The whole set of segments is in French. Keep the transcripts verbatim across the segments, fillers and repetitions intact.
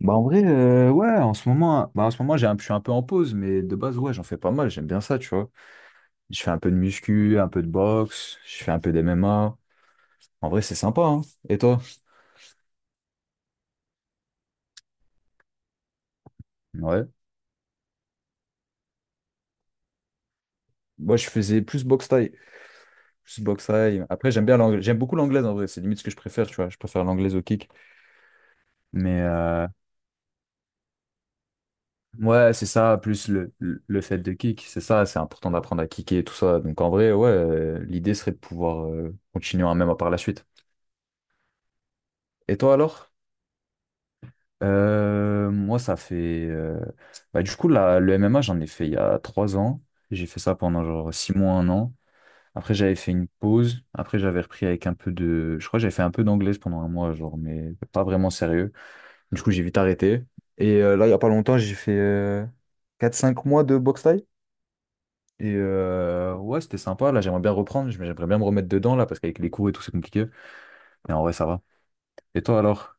Bah en vrai, euh, ouais, en ce moment, bah en ce moment j'ai un- je suis un peu en pause, mais de base, ouais, j'en fais pas mal, j'aime bien ça, tu vois. Je fais un peu de muscu, un peu de boxe, je fais un peu d'M M A. En vrai, c'est sympa, hein. Et toi? Ouais. Moi, je faisais plus boxe thaï. Plus boxe thaï. Après, j'aime bien l'anglais. J'aime beaucoup l'anglaise, en vrai. C'est limite ce que je préfère, tu vois. Je préfère l'anglaise au kick. Mais euh, ouais, c'est ça, plus le, le le fait de kick. C'est ça, c'est important d'apprendre à kicker et tout ça. Donc en vrai, ouais, euh, l'idée serait de pouvoir euh, continuer hein, même par la suite. Et toi alors? Euh, moi, ça fait. euh, Bah, du coup, là, le M M A, j'en ai fait il y a trois ans. J'ai fait ça pendant genre six mois, un an. Après, j'avais fait une pause. Après, j'avais repris avec un peu de. Je crois que j'avais fait un peu d'anglaise pendant un mois, genre, mais pas vraiment sérieux. Du coup, j'ai vite arrêté. Et euh, là, il y a pas longtemps, j'ai fait euh, quatre cinq mois de boxe thaï. Et euh, ouais, c'était sympa. Là, j'aimerais bien reprendre. Mais j'aimerais bien me remettre dedans, là, parce qu'avec les cours et tout, c'est compliqué. Mais en vrai, ça va. Et toi, alors?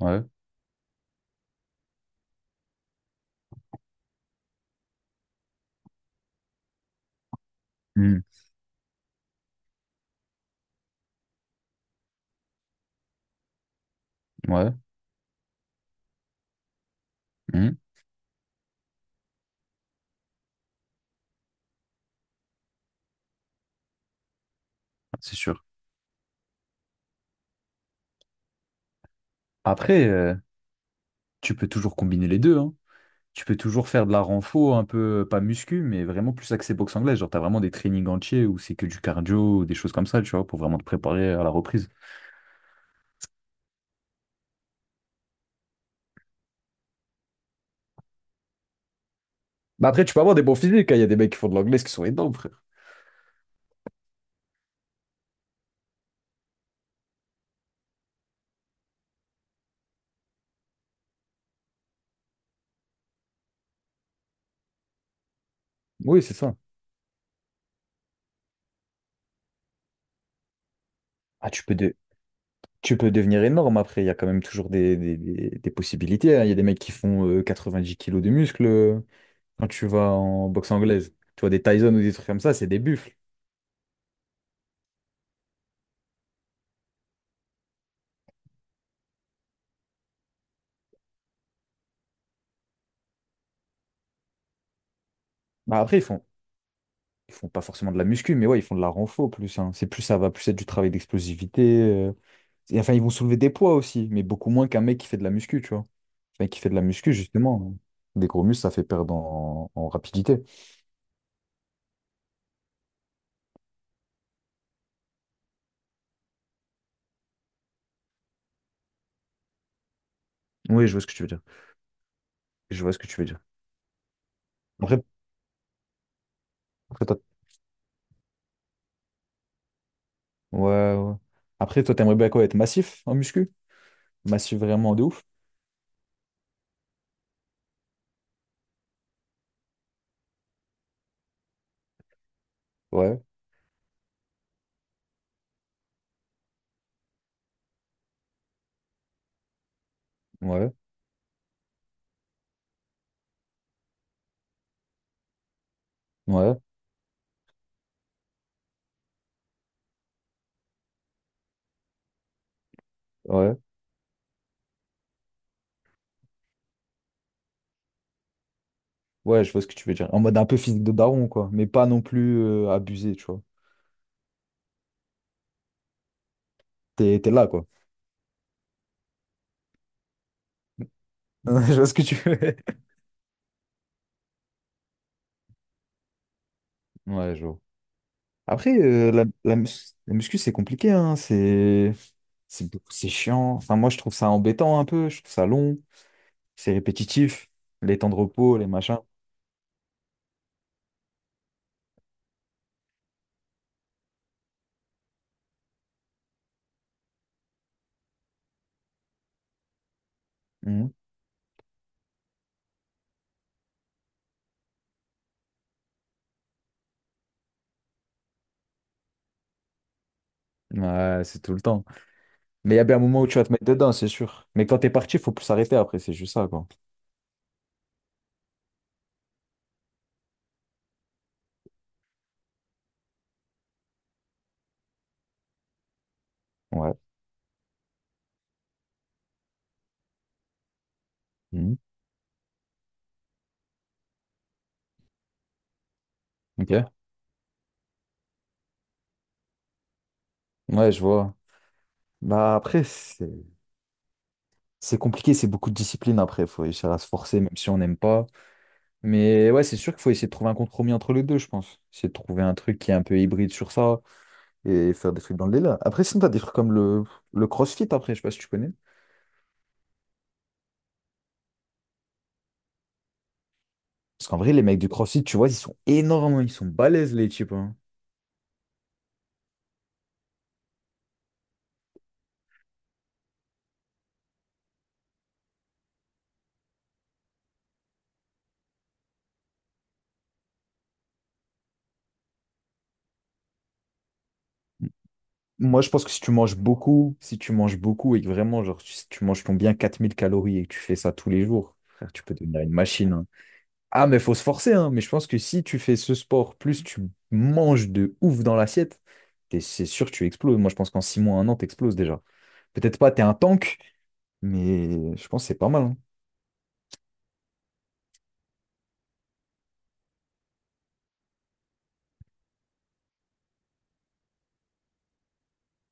Ouais. Hmm. Ouais. Hmm. C'est sûr. Après. Euh, Tu peux toujours combiner les deux, hein. Tu peux toujours faire de la renfo, un peu, euh, pas muscu, mais vraiment plus axé boxe anglaise. Genre, t'as vraiment des trainings entiers où c'est que du cardio, ou des choses comme ça, tu vois, pour vraiment te préparer à la reprise. Bah après, tu peux avoir des bons physiques, hein. Il y a des mecs qui font de l'anglaise qui sont énormes, frère. Oui, c'est ça. Ah, tu peux, de- Tu peux devenir énorme après. Il y a quand même toujours des, des, des- des possibilités, hein. Il y a des mecs qui font euh, quatre-vingt-dix kilos de muscles euh, quand tu vas en boxe anglaise. Tu vois, des Tyson ou des trucs comme ça, c'est des buffles. Bah, après, ils font, ils font pas forcément de la muscu, mais ouais, ils font de la renfo plus, hein. C'est plus ça va plus être du travail d'explosivité. euh. Et enfin, ils vont soulever des poids aussi, mais beaucoup moins qu'un mec qui fait de la muscu, tu vois. Un mec qui fait de la muscu, justement, des gros muscles, ça fait perdre en, en rapidité. Oui, je vois ce que tu veux dire. Je vois ce que tu veux dire. Après, après, toi, ouais, ouais. Après, toi, t'aimerais bien quoi, être massif en muscu? Massif vraiment de ouf? Ouais, ouais, ouais, ouais. Ouais, je vois ce que tu veux dire. En mode un peu physique de daron, quoi. Mais pas non plus euh, abusé, tu vois. T'es, t'es là, quoi. Je vois ce que tu veux. Ouais, je vois. Après, euh, la, la, mus- la muscu, c'est compliqué, hein. C'est, c'est, beaucoup- c'est chiant. Enfin, moi, je trouve ça embêtant un peu. Je trouve ça long. C'est répétitif. Les temps de repos, les machins. Mhm. Ouais, c'est tout le temps. Mais il y a bien un moment où tu vas te mettre dedans, c'est sûr. Mais quand t'es parti, faut plus s'arrêter après. C'est juste ça, quoi. Ouais. Mhm. Ok. Ouais, je vois. Bah, après, c'est. C'est compliqué, c'est beaucoup de discipline après. Il faut essayer à se forcer, même si on n'aime pas. Mais ouais, c'est sûr qu'il faut essayer de trouver un compromis entre les deux, je pense. Essayer de trouver un truc qui est un peu hybride sur ça et faire des trucs dans le délire. Après, sinon, t'as des trucs comme le, le CrossFit après, je sais pas si tu connais. Parce qu'en vrai, les mecs du CrossFit, tu vois, ils sont énormes, ils sont balèzes, les types, hein. Moi, je pense que si tu manges beaucoup, si tu manges beaucoup et que vraiment, genre, tu- si tu manges ton bien quatre mille calories et que tu fais ça tous les jours, frère, tu peux devenir une machine, hein. Ah, mais faut se forcer, hein. Mais je pense que si tu fais ce sport, plus tu manges de ouf dans l'assiette, t'es- c'est sûr que tu exploses. Moi, je pense qu'en six mois, un an, t'exploses déjà. Peut-être pas, t'es un tank, mais je pense que c'est pas mal, hein.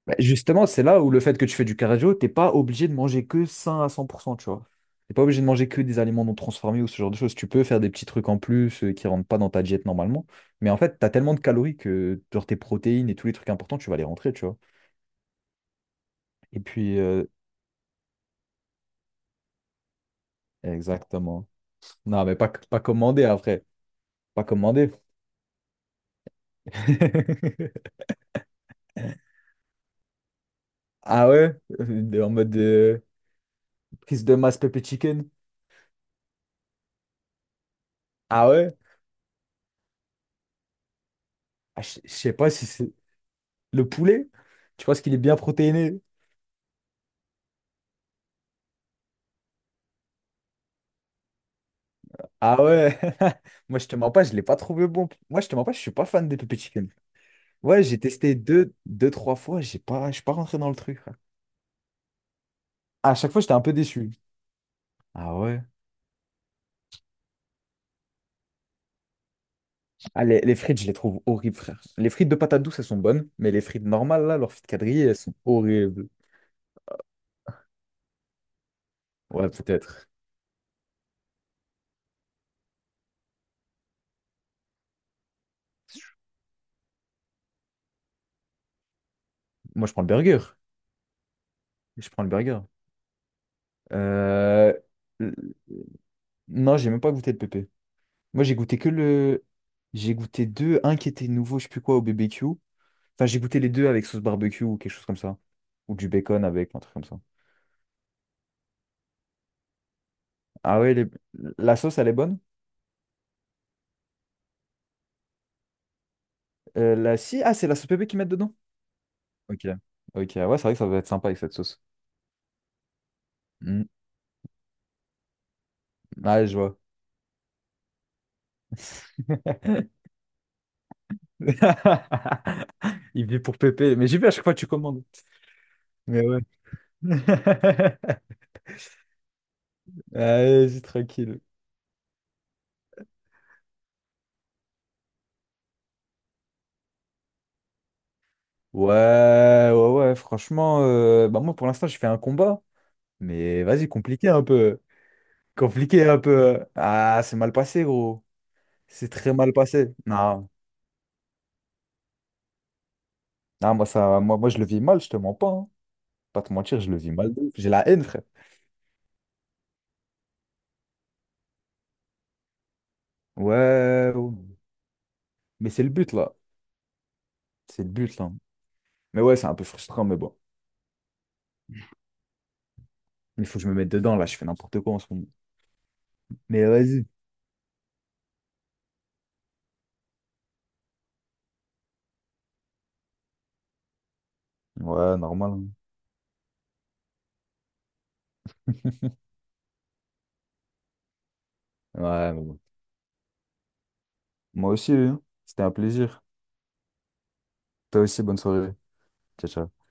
Bah, justement, c'est là où le fait que tu fais du cardio, t'es pas obligé de manger que sain à cent pour cent, tu vois. T'es pas obligé de manger que des aliments non transformés ou ce genre de choses. Tu peux faire des petits trucs en plus euh, qui rentrent pas dans ta diète normalement. Mais en fait, t'as tellement de calories que genre, tes protéines et tous les trucs importants, tu vas les rentrer, tu vois. Et puis, euh, exactement. Non, mais pas, pas commandé après. Pas commandé. Ah ouais? De- En mode de prise de masse pépé chicken. Ah ouais? Ah, je je sais pas si c'est le poulet. Tu vois ce qu'il est bien protéiné. Ah ouais? Moi, je te mens pas, je l'ai pas trouvé bon. Moi, je te mens pas, je suis pas fan des pépé chicken. Ouais, j'ai testé deux, deux, trois fois, j'ai pas, je suis pas rentré dans le truc, frère. À chaque fois, j'étais un peu déçu. Ah ouais? Ah, les, les frites, je les trouve horribles, frère. Les frites de patates douces, elles sont bonnes, mais les frites normales, là, leurs frites quadrillées, elles sont horribles. Ouais, peut-être. Moi, je prends le burger. Je prends le burger. Euh, l- Non, j'ai même pas goûté le pépé. Moi, j'ai goûté que le. J'ai goûté deux. Un qui était nouveau, je sais plus quoi, au B B Q. Enfin, j'ai goûté les deux avec sauce barbecue ou quelque chose comme ça. Ou du bacon avec, un truc comme ça. Ah ouais, les- la sauce, elle est bonne? Euh, la... Si, ah, c'est la sauce pépé qu'ils mettent dedans? Ok. Ok, ouais, c'est vrai que ça va être sympa avec cette sauce. Mm. Ouais, je vois. Il vit pour pépé. Mais j'ai vu à chaque fois que tu commandes. Mais ouais. Allez, c'est tranquille. Ouais, ouais, ouais, franchement, euh, bah moi pour l'instant j'ai fait un combat, mais vas-y, compliqué un peu. Compliqué un peu. Ah, c'est mal passé, gros. C'est très mal passé. Non, non, moi ça, moi, moi je le vis mal, je te mens pas, hein. Pas te mentir, je le vis mal. De ouf. J'ai la haine, frère. Ouais, ouais, ouais. Mais c'est le but là. C'est le but là. Mais ouais, c'est un peu frustrant, mais bon. Il faut que je me mette dedans, là, je fais n'importe quoi en ce moment. Mais vas-y. Ouais, normal, hein. Ouais, mais bon. Moi aussi, hein. C'était un plaisir. Toi aussi, bonne soirée. Ciao, ciao.